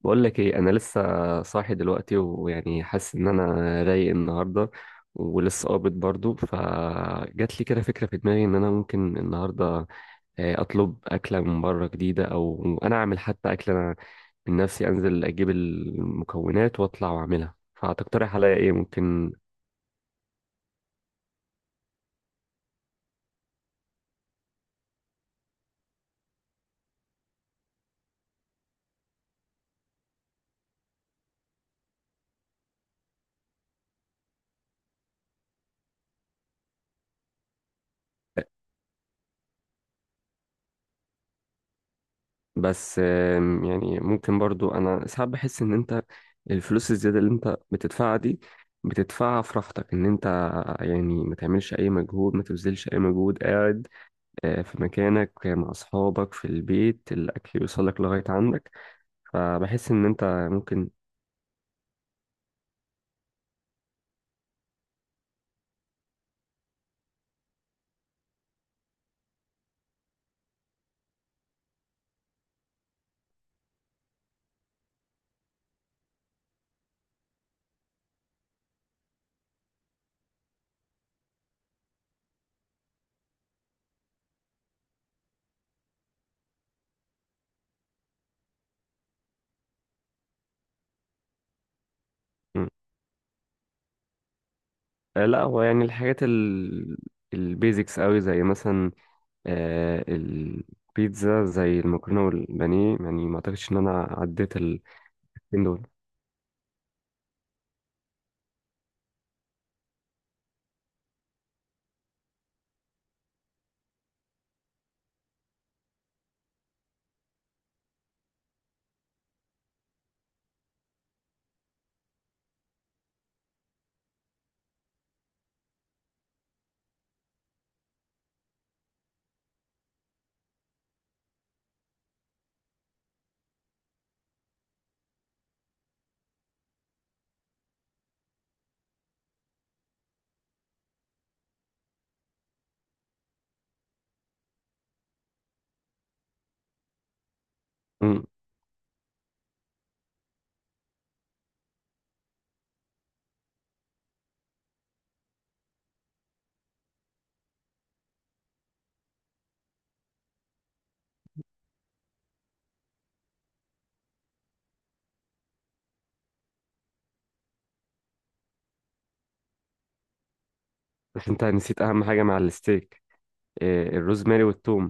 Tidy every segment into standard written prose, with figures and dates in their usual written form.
بقول لك ايه؟ انا لسه صاحي دلوقتي، ويعني حاسس ان انا رايق النهارده، ولسه قابض برضو. فجات لي كده فكره في دماغي ان انا ممكن النهارده اطلب اكله من بره جديده، او انا اعمل حتى اكله. انا من نفسي انزل اجيب المكونات واطلع واعملها، فهتقترح عليا ايه ممكن؟ بس يعني ممكن برضو، انا ساعات بحس ان انت الفلوس الزياده اللي انت بتدفعها دي بتدفعها في راحتك، ان انت يعني ما تعملش اي مجهود، ما تبذلش اي مجهود، قاعد في مكانك مع اصحابك في البيت، الاكل يوصلك لغايه عندك. فبحس ان انت ممكن. مم. لا، هو يعني الحاجات ال البيزكس قوي، زي مثلا البيتزا، زي المكرونه والبانيه، يعني ما اعتقدش ان انا عديت ال دول. بس انت نسيت اهم حاجه مع الستيك، الروزماري والثوم.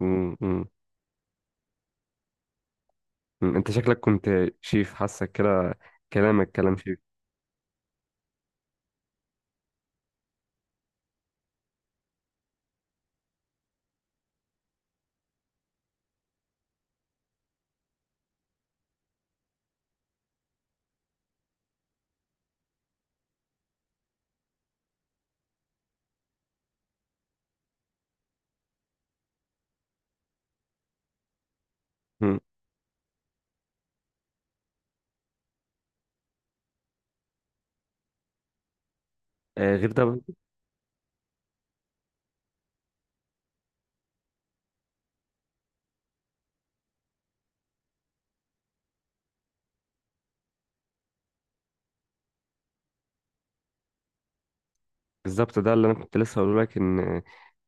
مم، مم. مم. انت شكلك كنت شيف، حاسك كده، كلامك كلام شيف. مم. غير ده، بالظبط ده اللي انا كنت لسه هقوله لك. ان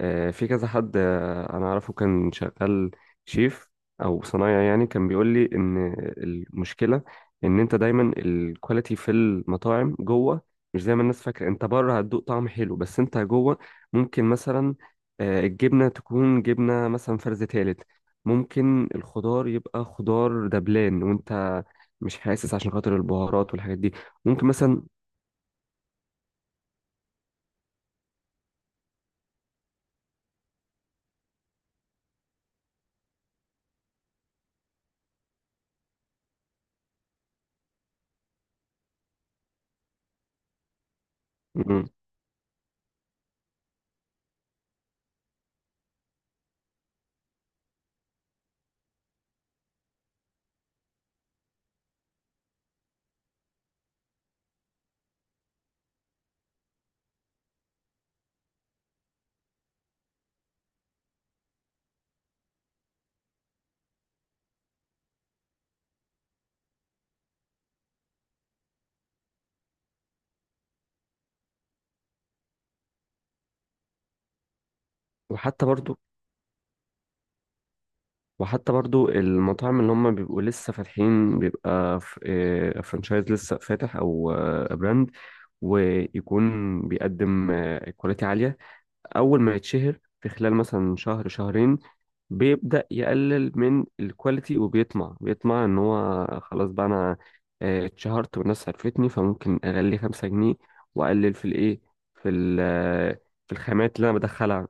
في كذا حد انا اعرفه كان شغال شيف او صنايعي، يعني كان بيقول لي ان المشكله ان انت دايما الكواليتي في المطاعم جوه مش زي ما الناس فاكره. انت بره هتدوق طعم حلو، بس انت جوه ممكن مثلا الجبنه تكون جبنه مثلا فرز تالت، ممكن الخضار يبقى خضار دبلان، وانت مش حاسس عشان خاطر البهارات والحاجات دي. ممكن مثلا. مم. وحتى برضو وحتى برضو المطاعم اللي هم بيبقوا لسه فاتحين، بيبقى فرانشايز لسه فاتح، او براند ويكون بيقدم كواليتي عالية. أول ما يتشهر في خلال مثلا شهر شهرين، بيبدأ يقلل من الكواليتي، وبيطمع إن هو خلاص بقى، أنا اتشهرت والناس عرفتني، فممكن أغلي 5 جنيه وأقلل في الإيه، في ال- آه، في الخامات اللي أنا بدخلها.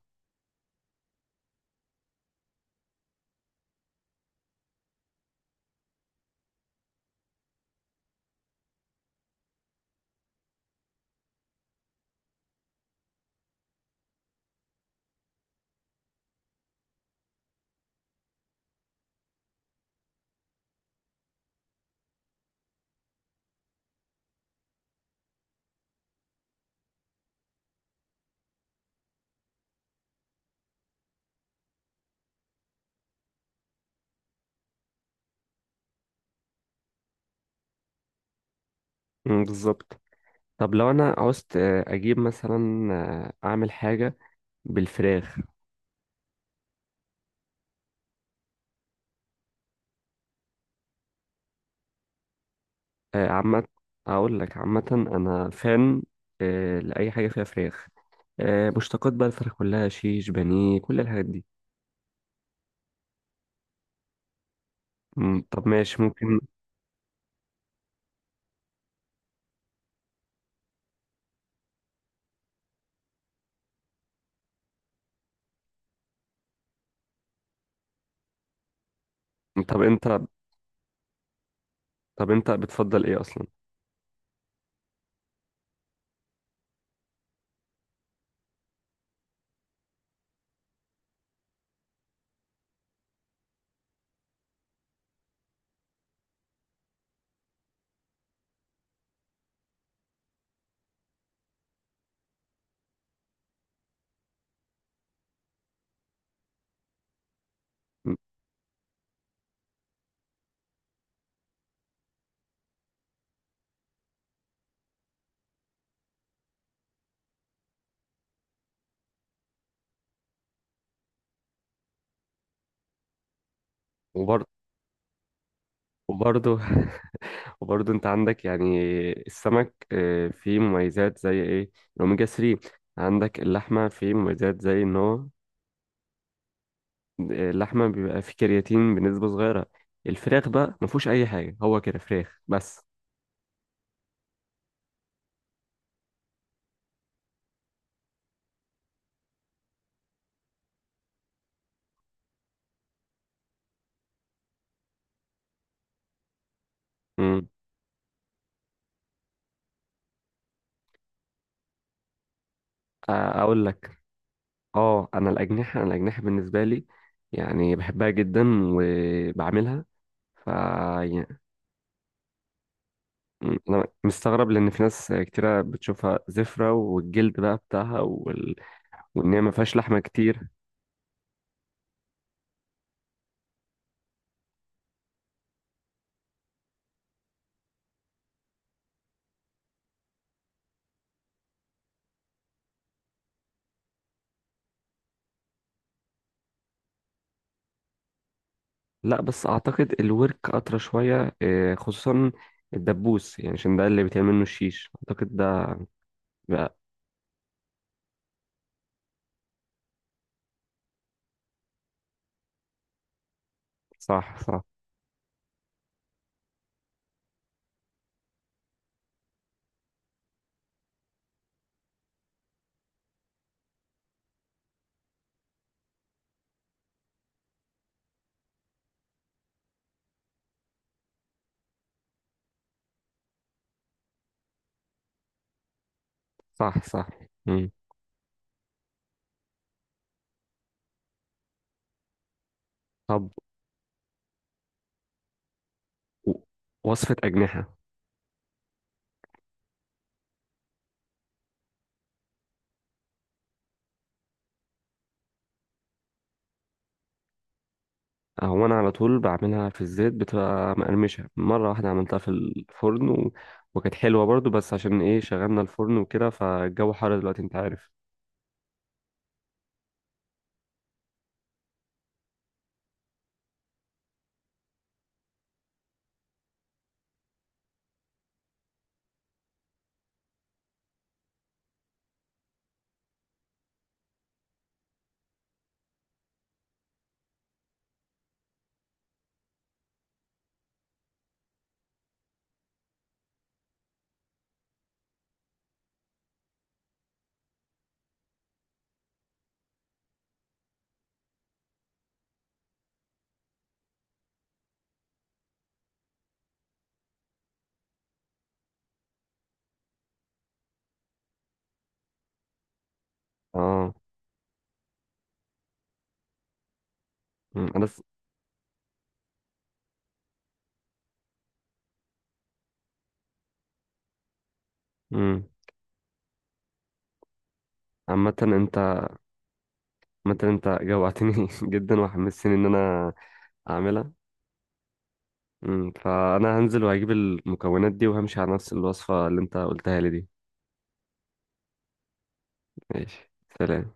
مم، بالظبط. طب لو انا عاوزت اجيب مثلا، اعمل حاجه بالفراخ. عامه، اقول لك عامه انا فان لاي حاجه فيها فراخ، مشتقات بقى الفراخ كلها، شيش، بانيه، كل الحاجات دي. مم، طب ماشي، ممكن. طب انت طب انت بتفضل ايه اصلا؟ وبرضه وبرضه وبرضه انت عندك يعني السمك فيه مميزات زي ايه، الاوميجا 3. عندك اللحمه فيه مميزات زي ان هو اللحمه بيبقى فيه كرياتين بنسبه صغيره. الفراخ بقى ما فيهوش اي حاجه، هو كده فراخ بس. امم اقول لك، اه انا الاجنحه بالنسبه لي يعني بحبها جدا وبعملها. ف يعني انا مستغرب لان في ناس كتيره بتشوفها زفره، والجلد بقى بتاعها، وال... وان هي ما فيهاش لحمه كتير. لا، بس اعتقد الورك اطرى شويه، خصوصا الدبوس، يعني عشان ده اللي بيتعمل منه الشيش. اعتقد ده بقى. صح، صح. صح، صح. مم. طب، و- وصفة أجنحة. هو أنا على طول بعملها في الزيت، بتبقى مقرمشة. مرة واحدة عملتها في الفرن، و... وكانت حلوة برضو، بس عشان إيه شغلنا الفرن وكده، فالجو حر دلوقتي أنت عارف. آه. مم. مم. عامة أنت عامة أنت جوعتني جدا، وحمستني إن أنا أعملها. مم. فأنا هنزل وهجيب المكونات دي، وهمشي على نفس الوصفة اللي أنت قلتها لي دي. ماشي. سلام.